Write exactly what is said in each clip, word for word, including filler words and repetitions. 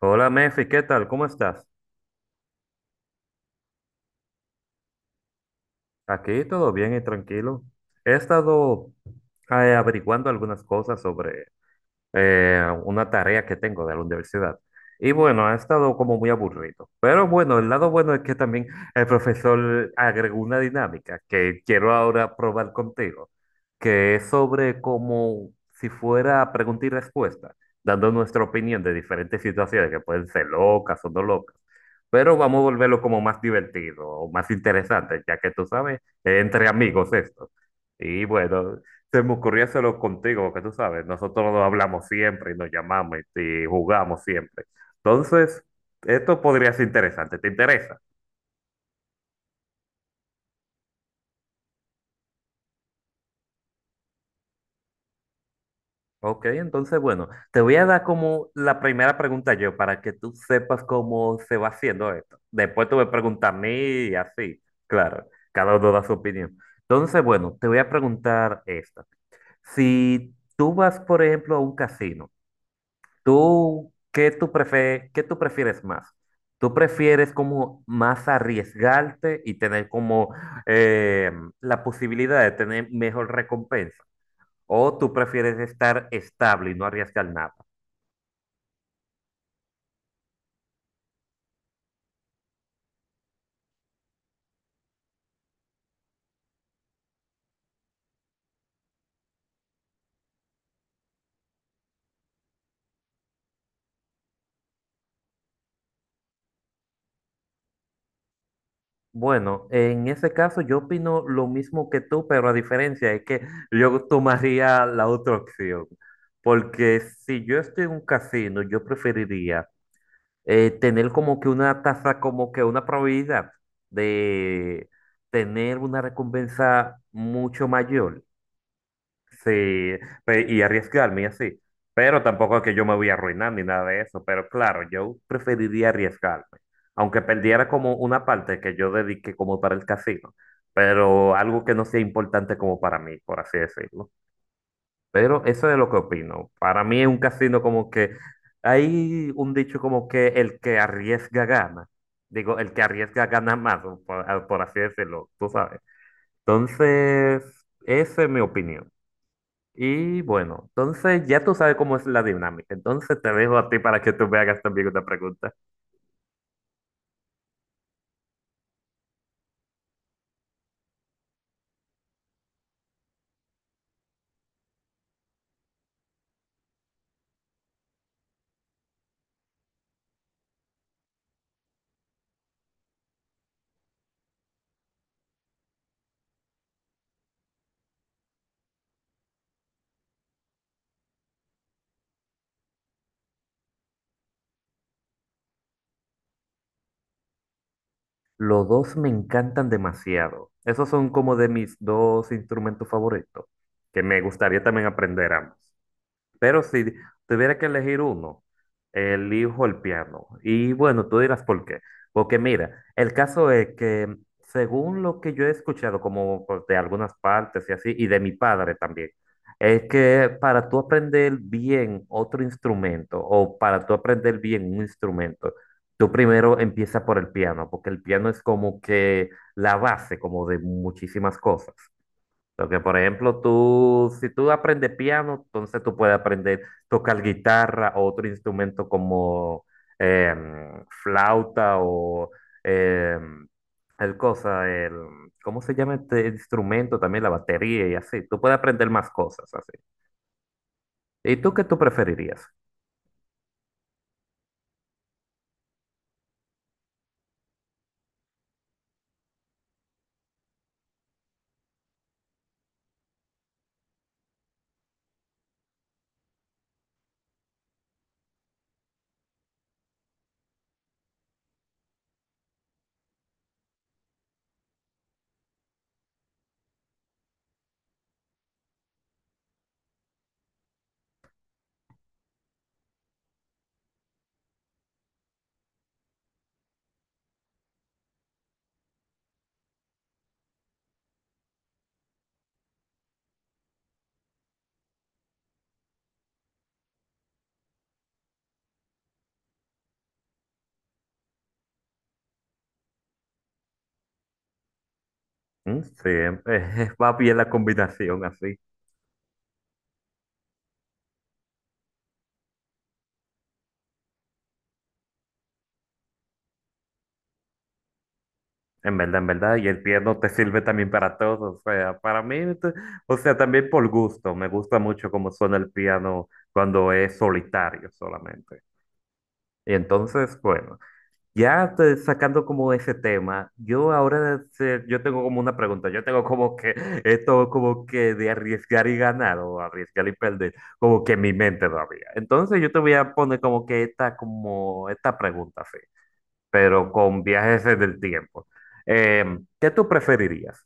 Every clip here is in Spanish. Hola Mefi, ¿qué tal? ¿Cómo estás? Aquí todo bien y tranquilo. He estado eh, averiguando algunas cosas sobre eh, una tarea que tengo de la universidad. Y bueno, ha estado como muy aburrido. Pero bueno, el lado bueno es que también el profesor agregó una dinámica que quiero ahora probar contigo, que es sobre como si fuera pregunta y respuesta, dando nuestra opinión de diferentes situaciones que pueden ser locas o no locas. Pero vamos a volverlo como más divertido o más interesante, ya que tú sabes, entre amigos esto. Y bueno, se me ocurrió solo contigo, porque tú sabes, nosotros nos hablamos siempre y nos llamamos y jugamos siempre. Entonces, esto podría ser interesante, ¿te interesa? Ok, entonces, bueno, te voy a dar como la primera pregunta yo para que tú sepas cómo se va haciendo esto. Después tú me preguntas a mí y así, claro, cada uno da su opinión. Entonces, bueno, te voy a preguntar esta. Si tú vas, por ejemplo, a un casino, ¿tú qué tú prefieres, qué tú prefieres más? ¿Tú prefieres como más arriesgarte y tener como eh, la posibilidad de tener mejor recompensa? ¿O tú prefieres estar estable y no arriesgar nada? Bueno, en ese caso yo opino lo mismo que tú, pero la diferencia es que yo tomaría la otra opción. Porque si yo estoy en un casino, yo preferiría eh, tener como que una tasa, como que una probabilidad de tener una recompensa mucho mayor, sí, pe- y arriesgarme y así. Pero tampoco es que yo me voy a arruinar ni nada de eso, pero claro, yo preferiría arriesgarme, aunque perdiera como una parte que yo dediqué como para el casino, pero algo que no sea importante como para mí, por así decirlo. Pero eso es lo que opino. Para mí es un casino como que hay un dicho como que el que arriesga gana. Digo, el que arriesga gana más, o por, a- por así decirlo, tú sabes. Entonces, esa es mi opinión. Y bueno, entonces ya tú sabes cómo es la dinámica. Entonces te dejo a ti para que tú me hagas también una pregunta. Los dos me encantan demasiado. Esos son como de mis dos instrumentos favoritos, que me gustaría también aprender ambos. Pero si tuviera que elegir uno, elijo el piano. Y bueno, tú dirás por qué. Porque mira, el caso es que según lo que yo he escuchado, como pues, de algunas partes y así, y de mi padre también, es que para tú aprender bien otro instrumento o para tú aprender bien un instrumento, tú primero empieza por el piano, porque el piano es como que la base, como de muchísimas cosas. Porque, por ejemplo, tú, si tú aprendes piano, entonces tú puedes aprender tocar guitarra o otro instrumento como em, flauta o em, el cosa, el, ¿cómo se llama este instrumento? También la batería y así. Tú puedes aprender más cosas así. ¿Y tú qué tú preferirías? Mm, sí, em- va bien la combinación así. En verdad, en verdad, y el piano te sirve también para todo, o sea, para mí, t- o sea, también por gusto, me gusta mucho cómo suena el piano cuando es solitario solamente. Y entonces, bueno, ya te- sacando como ese tema, yo ahora, se- yo tengo como una pregunta, yo tengo como que esto como que de arriesgar y ganar o arriesgar y perder, como que en mi mente todavía. Entonces yo te voy a poner como que esta, como esta pregunta, así pero con viajes del tiempo. Eh, ¿qué tú preferirías?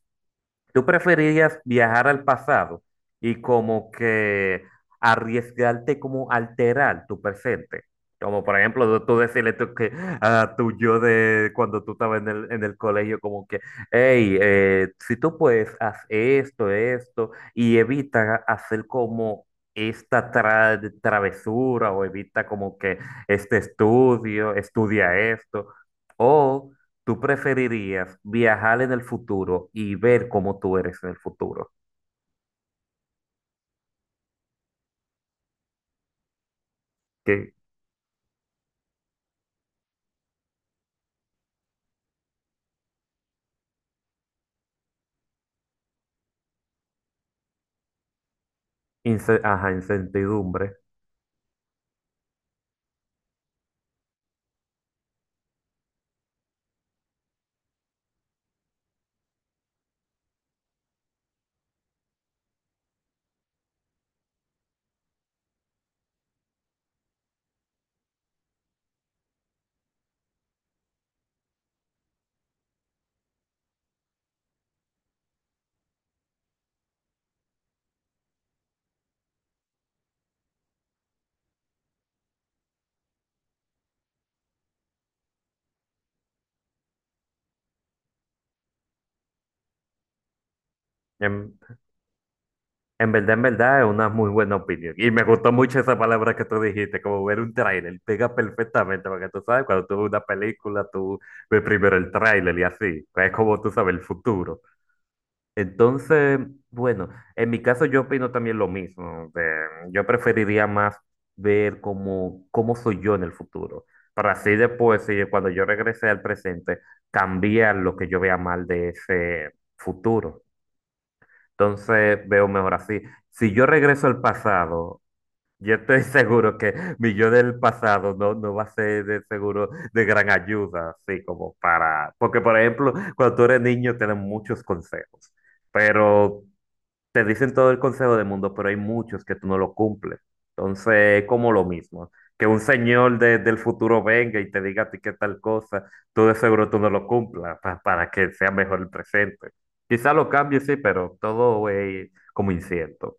¿Tú preferirías viajar al pasado y como que arriesgarte como alterar tu presente? Como por ejemplo, tú tú decirle tú que, a tu yo de cuando tú estabas en el, en el colegio, como que, hey, eh, si tú puedes, haz esto, esto, y evita hacer como esta tra- travesura o evita como que este estudio, estudia esto. O ¿tú preferirías viajar en el futuro y ver cómo tú eres en el futuro? Que, ince- ajá, incertidumbre. En, en verdad, en verdad, es una muy buena opinión. Y me gustó mucho esa palabra que tú dijiste, como ver un tráiler. Pega perfectamente, porque tú sabes, cuando tú ves una película, tú ves primero el tráiler y así. Es como tú sabes el futuro. Entonces, bueno, en mi caso yo opino también lo mismo. De- yo preferiría más ver cómo, cómo soy yo en el futuro, para así después, si- cuando yo regrese al presente, cambiar lo que yo vea mal de ese futuro. Entonces, veo mejor así. Si yo regreso al pasado, yo estoy seguro que mi yo del pasado no, no va a ser de seguro de gran ayuda, así como para... Porque, por ejemplo, cuando tú eres niño, tienes muchos consejos. Pero te dicen todo el consejo del mundo, pero hay muchos que tú no lo cumples. Entonces, es como lo mismo. Que un señor de- del futuro venga y te diga a ti que tal cosa, tú de seguro tú no lo cumplas pa- para que sea mejor el presente. Quizá lo cambie, sí, pero todo es como incierto.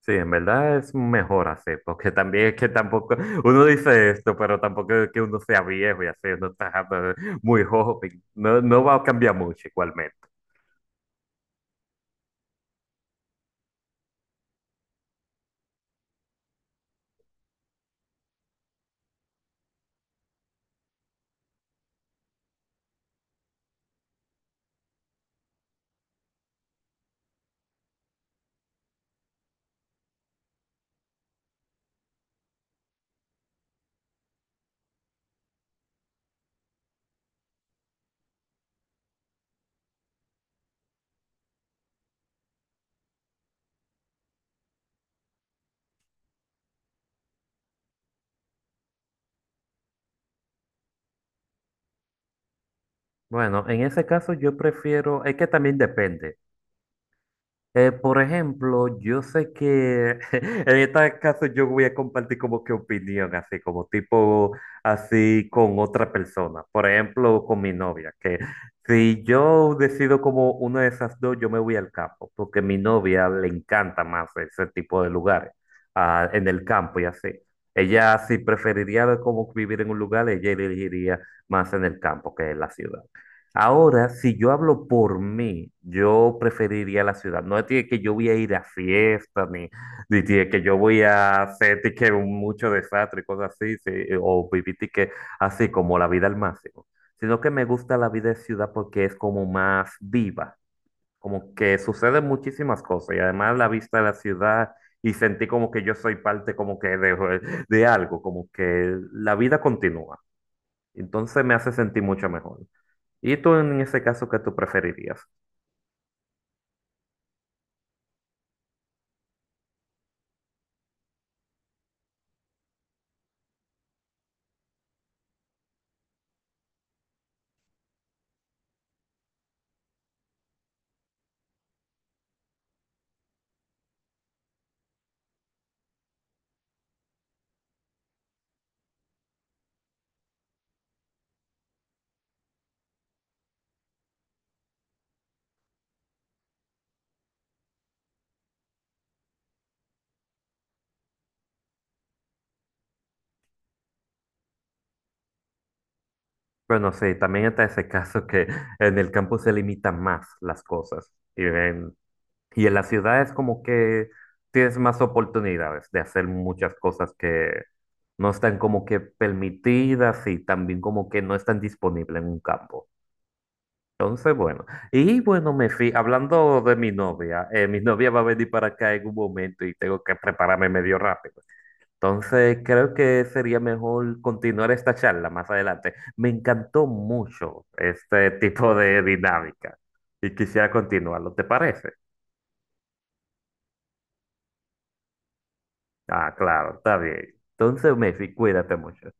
Sí, en verdad es mejor así, porque también es que tampoco, uno dice esto, pero tampoco es que uno sea viejo y así, uno está eh, muy joven, no, no va a cambiar mucho igualmente. Bueno, en ese caso yo prefiero, es que también depende. Eh, por ejemplo, yo sé que en este caso yo voy a compartir como que opinión, así como tipo así con otra persona. Por ejemplo, con mi novia, que si yo decido como una de esas dos, yo me voy al campo, porque a mi novia le encanta más ese tipo de lugares, ah, en el campo y así. Ella si preferiría como vivir en un lugar, ella elegiría más en el campo que en la ciudad. Ahora, si yo hablo por mí, yo preferiría la ciudad. No tiene que yo voy a ir a fiestas, ni, ni tiene que yo voy a hacer tique, un mucho desastre, cosas así, sí, eh, o vivir de que así como la vida al máximo. Sino que me gusta la vida de ciudad porque es como más viva, como que suceden muchísimas cosas y además la vista de la ciudad y sentí como que yo soy parte como que de, de algo, como que la vida continúa. Entonces me hace sentir mucho mejor. Y tú en ese caso, ¿qué tú preferirías? Bueno, sí, también está ese caso que en el campo se limitan más las cosas. Y en, y en la ciudad es como que tienes más oportunidades de hacer muchas cosas que no están como que permitidas y también como que no están disponibles en un campo. Entonces, bueno, y bueno, me fui, hablando de mi novia, eh, mi novia va a venir para acá en un momento y tengo que prepararme medio rápido. Entonces, creo que sería mejor continuar esta charla más adelante. Me encantó mucho este tipo de dinámica y quisiera continuarlo, ¿te parece? Ah, claro, está bien. Entonces, Messi, cuídate mucho.